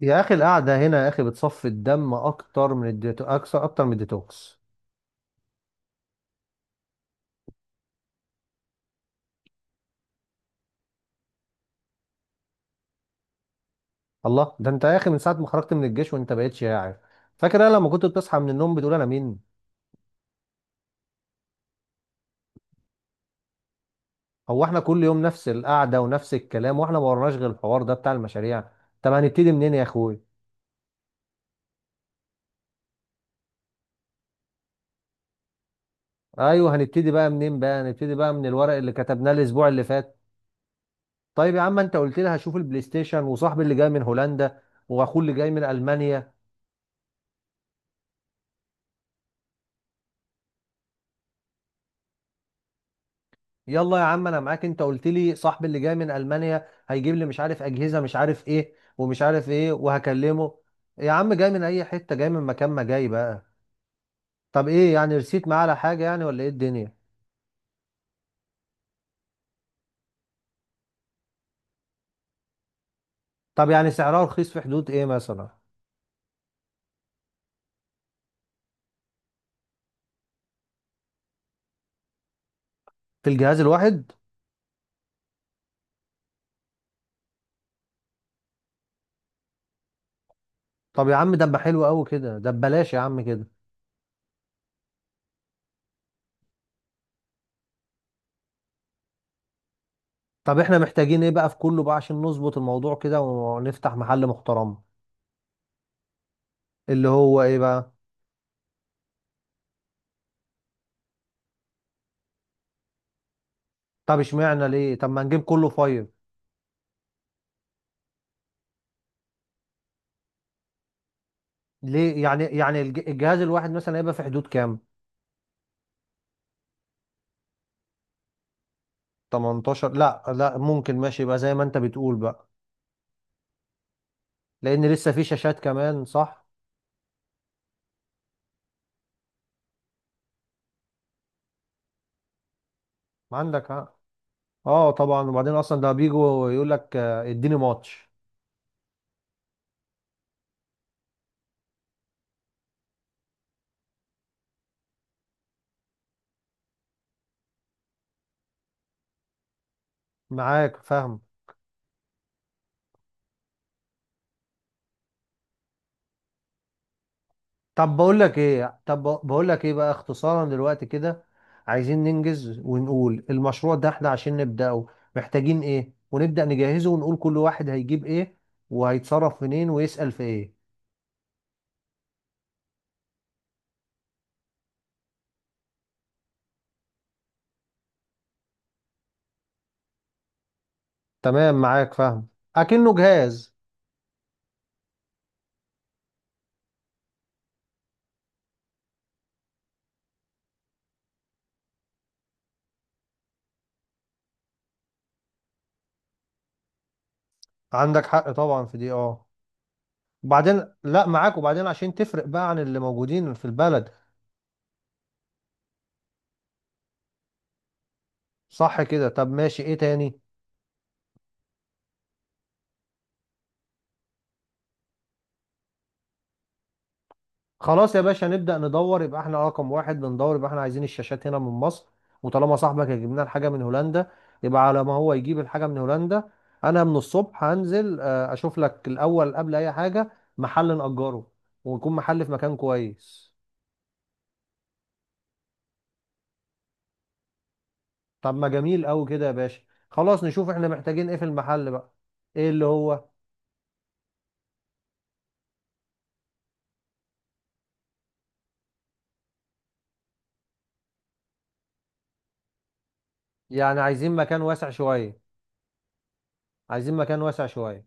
يا اخي القعده هنا، يا اخي بتصفي الدم اكتر من الديتو اكتر من الديتوكس. الله ده انت يا اخي من ساعه ما خرجت من الجيش وانت بقيت شاعر. فاكر انا لما كنت بتصحى من النوم بتقول انا مين؟ هو احنا كل يوم نفس القعده ونفس الكلام، واحنا ما ورناش غير الحوار ده بتاع المشاريع. طب هنبتدي منين يا اخوي؟ ايوه، هنبتدي بقى من الورق اللي كتبناه الاسبوع اللي فات. طيب يا عم، انت قلت لي هشوف البلاي ستيشن، وصاحبي اللي جاي من هولندا واخوه اللي جاي من المانيا. يلا يا عم، انا معاك. انت قلت لي صاحبي اللي جاي من المانيا هيجيب لي مش عارف اجهزه مش عارف ايه ومش عارف ايه، وهكلمه. يا عم جاي من اي حته، جاي من مكان ما، جاي بقى. طب ايه يعني، رسيت معاه على حاجه يعني ولا ايه الدنيا؟ طب يعني سعرها رخيص في حدود ايه مثلا؟ في الجهاز الواحد؟ طب يا عم، ده ما حلو قوي كده، ده ببلاش يا عم كده. طب احنا محتاجين ايه بقى في كله بقى عشان نظبط الموضوع كده ونفتح محل محترم؟ اللي هو ايه بقى؟ طب اشمعنى ليه؟ طب ما نجيب كله فايف؟ ليه؟ يعني الجهاز الواحد مثلا هيبقى في حدود كام؟ 18، لا لا، ممكن ماشي، يبقى زي ما انت بتقول بقى. لان لسه في شاشات كمان، صح؟ عندك حق. اه طبعا، وبعدين اصلا ده بيجوا يقول لك اديني ماتش. معاك، فاهم. طب بقول لك ايه بقى اختصارا دلوقتي كده. عايزين ننجز ونقول المشروع ده احنا عشان نبدأه محتاجين ايه، ونبدأ نجهزه، ونقول كل واحد هيجيب ايه وهيتصرف منين ويسأل في ايه. تمام، معاك، فاهم. اكنه جهاز. عندك حق طبعا في دي، اه. وبعدين لا، معاك، وبعدين عشان تفرق بقى عن اللي موجودين في البلد. صح كده. طب ماشي، ايه تاني؟ خلاص يا باشا، نبدأ ندور. يبقى احنا رقم واحد بندور، يبقى احنا عايزين الشاشات هنا من مصر. وطالما صاحبك هيجيب لنا الحاجة من هولندا، يبقى على ما هو يجيب الحاجة من هولندا انا من الصبح هنزل اشوف لك الاول قبل اي حاجة محل نأجره، ويكون محل في مكان كويس. طب ما جميل قوي كده يا باشا. خلاص، نشوف احنا محتاجين ايه في المحل بقى. ايه اللي هو؟ يعني عايزين مكان واسع شويه، عايزين مكان واسع شويه.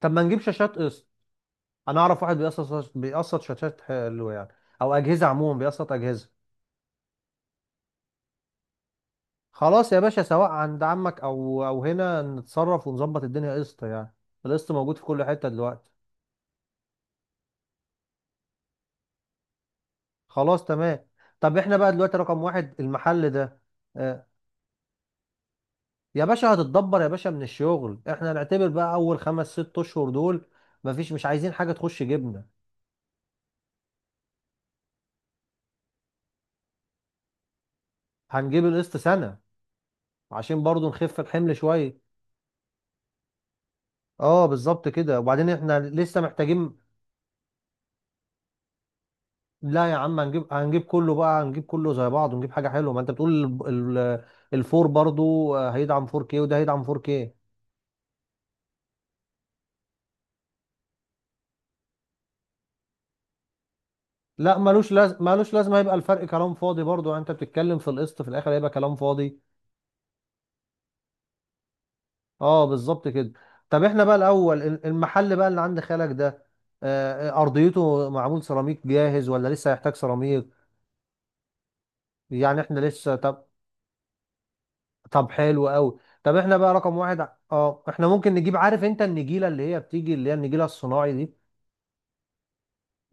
طب ما نجيب شاشات قسط. انا اعرف واحد بيقسط، بيقسط شاشات حلوه يعني. او اجهزه عموما، بيقسط اجهزه. خلاص يا باشا، سواء عند عمك او هنا، نتصرف ونظبط الدنيا قسط يعني. القسط موجود في كل حته دلوقتي. خلاص تمام. طب احنا بقى دلوقتي رقم واحد المحل ده. آه، يا باشا هتتدبر يا باشا من الشغل. احنا هنعتبر بقى اول خمس ست اشهر دول مفيش، مش عايزين حاجه تخش جبنه. هنجيب القسط سنه عشان برضو نخف الحمل شويه. اه بالظبط كده. وبعدين احنا لسه محتاجين. لا يا عم، هنجيب كله بقى، هنجيب كله زي بعض، ونجيب حاجه حلوه. ما انت بتقول الفور برضو هيدعم 4K، وده هيدعم 4K. لا ملوش ملوش لازمه. هيبقى الفرق كلام فاضي برضو يعني، انت بتتكلم في القسط في الاخر هيبقى كلام فاضي. اه بالظبط كده. طب احنا بقى الاول المحل بقى اللي عند خالك ده. ارضيته معمول سيراميك جاهز ولا لسه هيحتاج سيراميك؟ يعني احنا لسه، طب. طب حلو قوي. طب احنا بقى رقم واحد، احنا ممكن نجيب، عارف انت النجيله اللي هي بتيجي، اللي هي النجيله الصناعي دي،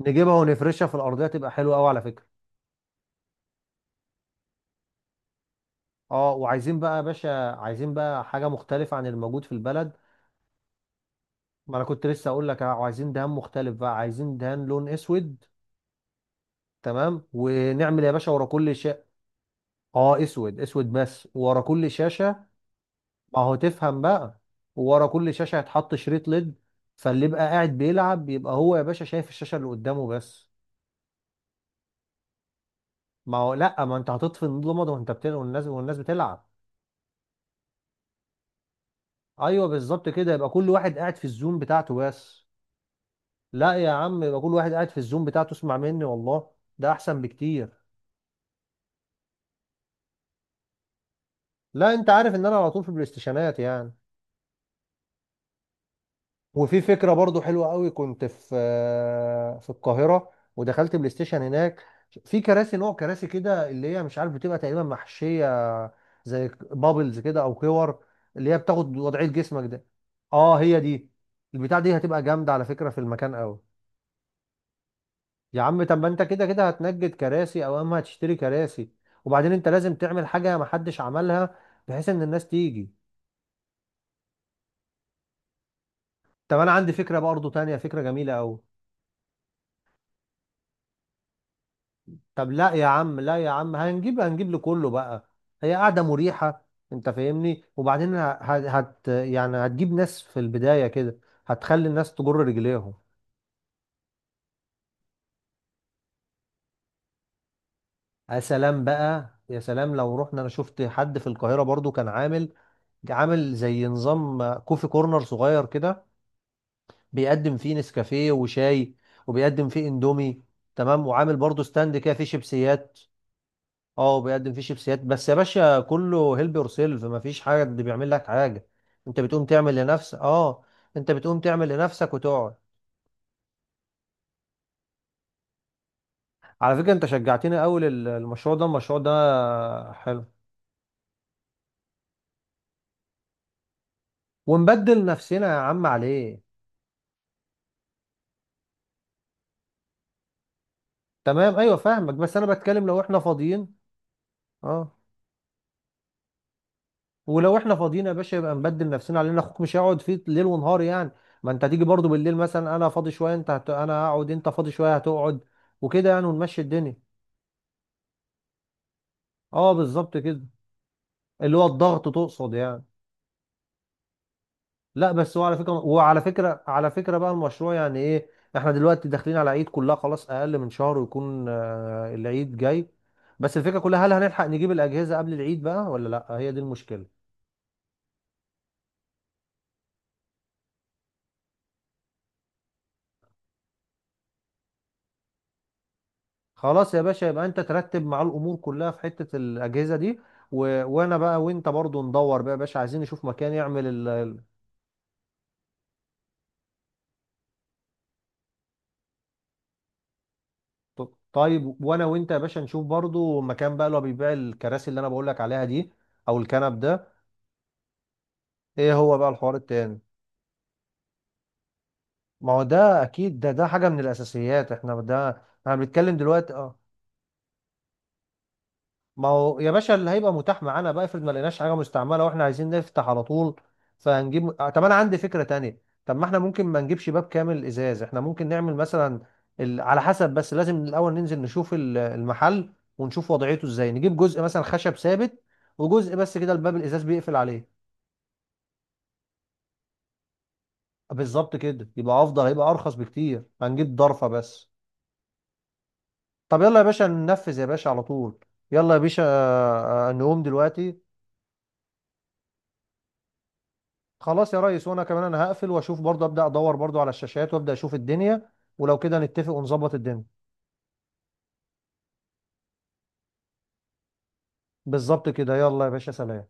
نجيبها ونفرشها في الارضيه تبقى حلوه قوي على فكره. اه، وعايزين بقى يا باشا، عايزين بقى حاجه مختلفه عن الموجود في البلد. ما انا كنت لسه اقول لك، عايزين دهان مختلف بقى، عايزين دهان لون اسود. تمام، ونعمل يا باشا ورا كل شيء. اه، اسود اسود بس ورا كل شاشه. ما هو تفهم بقى. ورا كل شاشه هيتحط شريط ليد. فاللي يبقى قاعد بيلعب يبقى هو يا باشا شايف الشاشه اللي قدامه بس. ما هو لا، ما انت هتطفي النور الابيض وانت بتلعب، والناس بتلعب. ايوه بالظبط كده، يبقى كل واحد قاعد في الزوم بتاعته بس. لا يا عم، يبقى كل واحد قاعد في الزوم بتاعته. اسمع مني والله، ده احسن بكتير. لا، انت عارف ان انا على طول في البلاي ستيشنات يعني. وفي فكرة برضو حلوة قوي، كنت في القاهرة ودخلت بلاي ستيشن هناك. في كراسي، نوع كراسي كده اللي هي مش عارف بتبقى تقريبا محشية، زي بابلز كده او كور، اللي هي بتاخد وضعية جسمك ده. اه، هي دي. البتاع دي هتبقى جامدة على فكرة في المكان قوي. يا عم، طب ما انت كده كده هتنجد كراسي او اما هتشتري كراسي. وبعدين انت لازم تعمل حاجة محدش عملها، بحيث ان الناس تيجي. طب انا عندي فكرة برضو تانية، فكرة جميلة قوي. طب لا يا عم، لا يا عم، هنجيب لكله بقى. هي قاعدة مريحة. انت فاهمني. وبعدين ه- هت يعني هتجيب ناس في البداية كده، هتخلي الناس تجر رجليهم. يا سلام بقى، يا سلام. لو رحنا، انا شفت حد في القاهرة برضو كان عامل زي نظام كوفي كورنر صغير كده، بيقدم فيه نسكافيه وشاي، وبيقدم فيه اندومي. تمام، وعامل برضو ستاند كده فيه شيبسيات. اه، بيقدم فيه شيبسيات بس يا باشا كله هيلب يور سيلف، مفيش حد بيعمل لك حاجه. انت بتقوم تعمل لنفسك، اه، انت بتقوم تعمل لنفسك وتقعد. على فكره انت شجعتني قوي، المشروع ده، المشروع ده حلو. ونبدل نفسنا يا عم عليه. تمام، ايوه فاهمك، بس انا بتكلم لو احنا فاضيين، اه. ولو احنا فاضيين يا باشا، يبقى نبدل نفسنا علينا، اخوك مش هيقعد فيه ليل ونهار يعني. ما انت هتيجي برضو بالليل مثلا، انا فاضي شويه انت انا هقعد، انت فاضي شويه هتقعد، وكده يعني، ونمشي الدنيا. اه بالظبط كده. اللي هو الضغط تقصد يعني؟ لا، بس هو على فكره، وعلى فكره على فكره بقى المشروع يعني ايه؟ احنا دلوقتي داخلين على عيد، كلها خلاص اقل من شهر ويكون العيد جاي. بس الفكره كلها، هل هنلحق نجيب الاجهزه قبل العيد بقى ولا لا؟ هي دي المشكله. خلاص يا باشا، يبقى انت ترتب مع الامور كلها في حته الاجهزه دي، وانا بقى وانت برضو ندور بقى يا باشا، عايزين نشوف مكان يعمل طيب، وانا وانت يا باشا نشوف برضو مكان بقى اللي هو بيبيع الكراسي اللي انا بقول لك عليها دي او الكنب ده. ايه هو بقى الحوار التاني؟ ما هو ده اكيد، ده حاجه من الاساسيات احنا، ده احنا بنتكلم دلوقتي اه. ما هو يا باشا اللي هيبقى متاح معانا بقى، افرض ما لقيناش حاجه مستعمله واحنا عايزين نفتح على طول، فهنجيب. طب انا عندي فكره تانية، طب ما احنا ممكن ما نجيبش باب كامل ازاز، احنا ممكن نعمل مثلا على حسب، بس لازم الاول ننزل نشوف المحل ونشوف وضعيته ازاي، نجيب جزء مثلا خشب ثابت وجزء بس كده الباب الازاز بيقفل عليه. بالظبط كده، يبقى افضل، هيبقى ارخص بكتير، هنجيب ضرفه بس. طب يلا يا باشا، ننفذ يا باشا على طول. يلا يا باشا، نقوم دلوقتي. خلاص يا ريس، وانا كمان انا هقفل واشوف برضه، ابدا ادور برضه على الشاشات وابدا اشوف الدنيا. ولو كده نتفق ونظبط الدنيا. بالظبط كده. يلا يا باشا، سلام.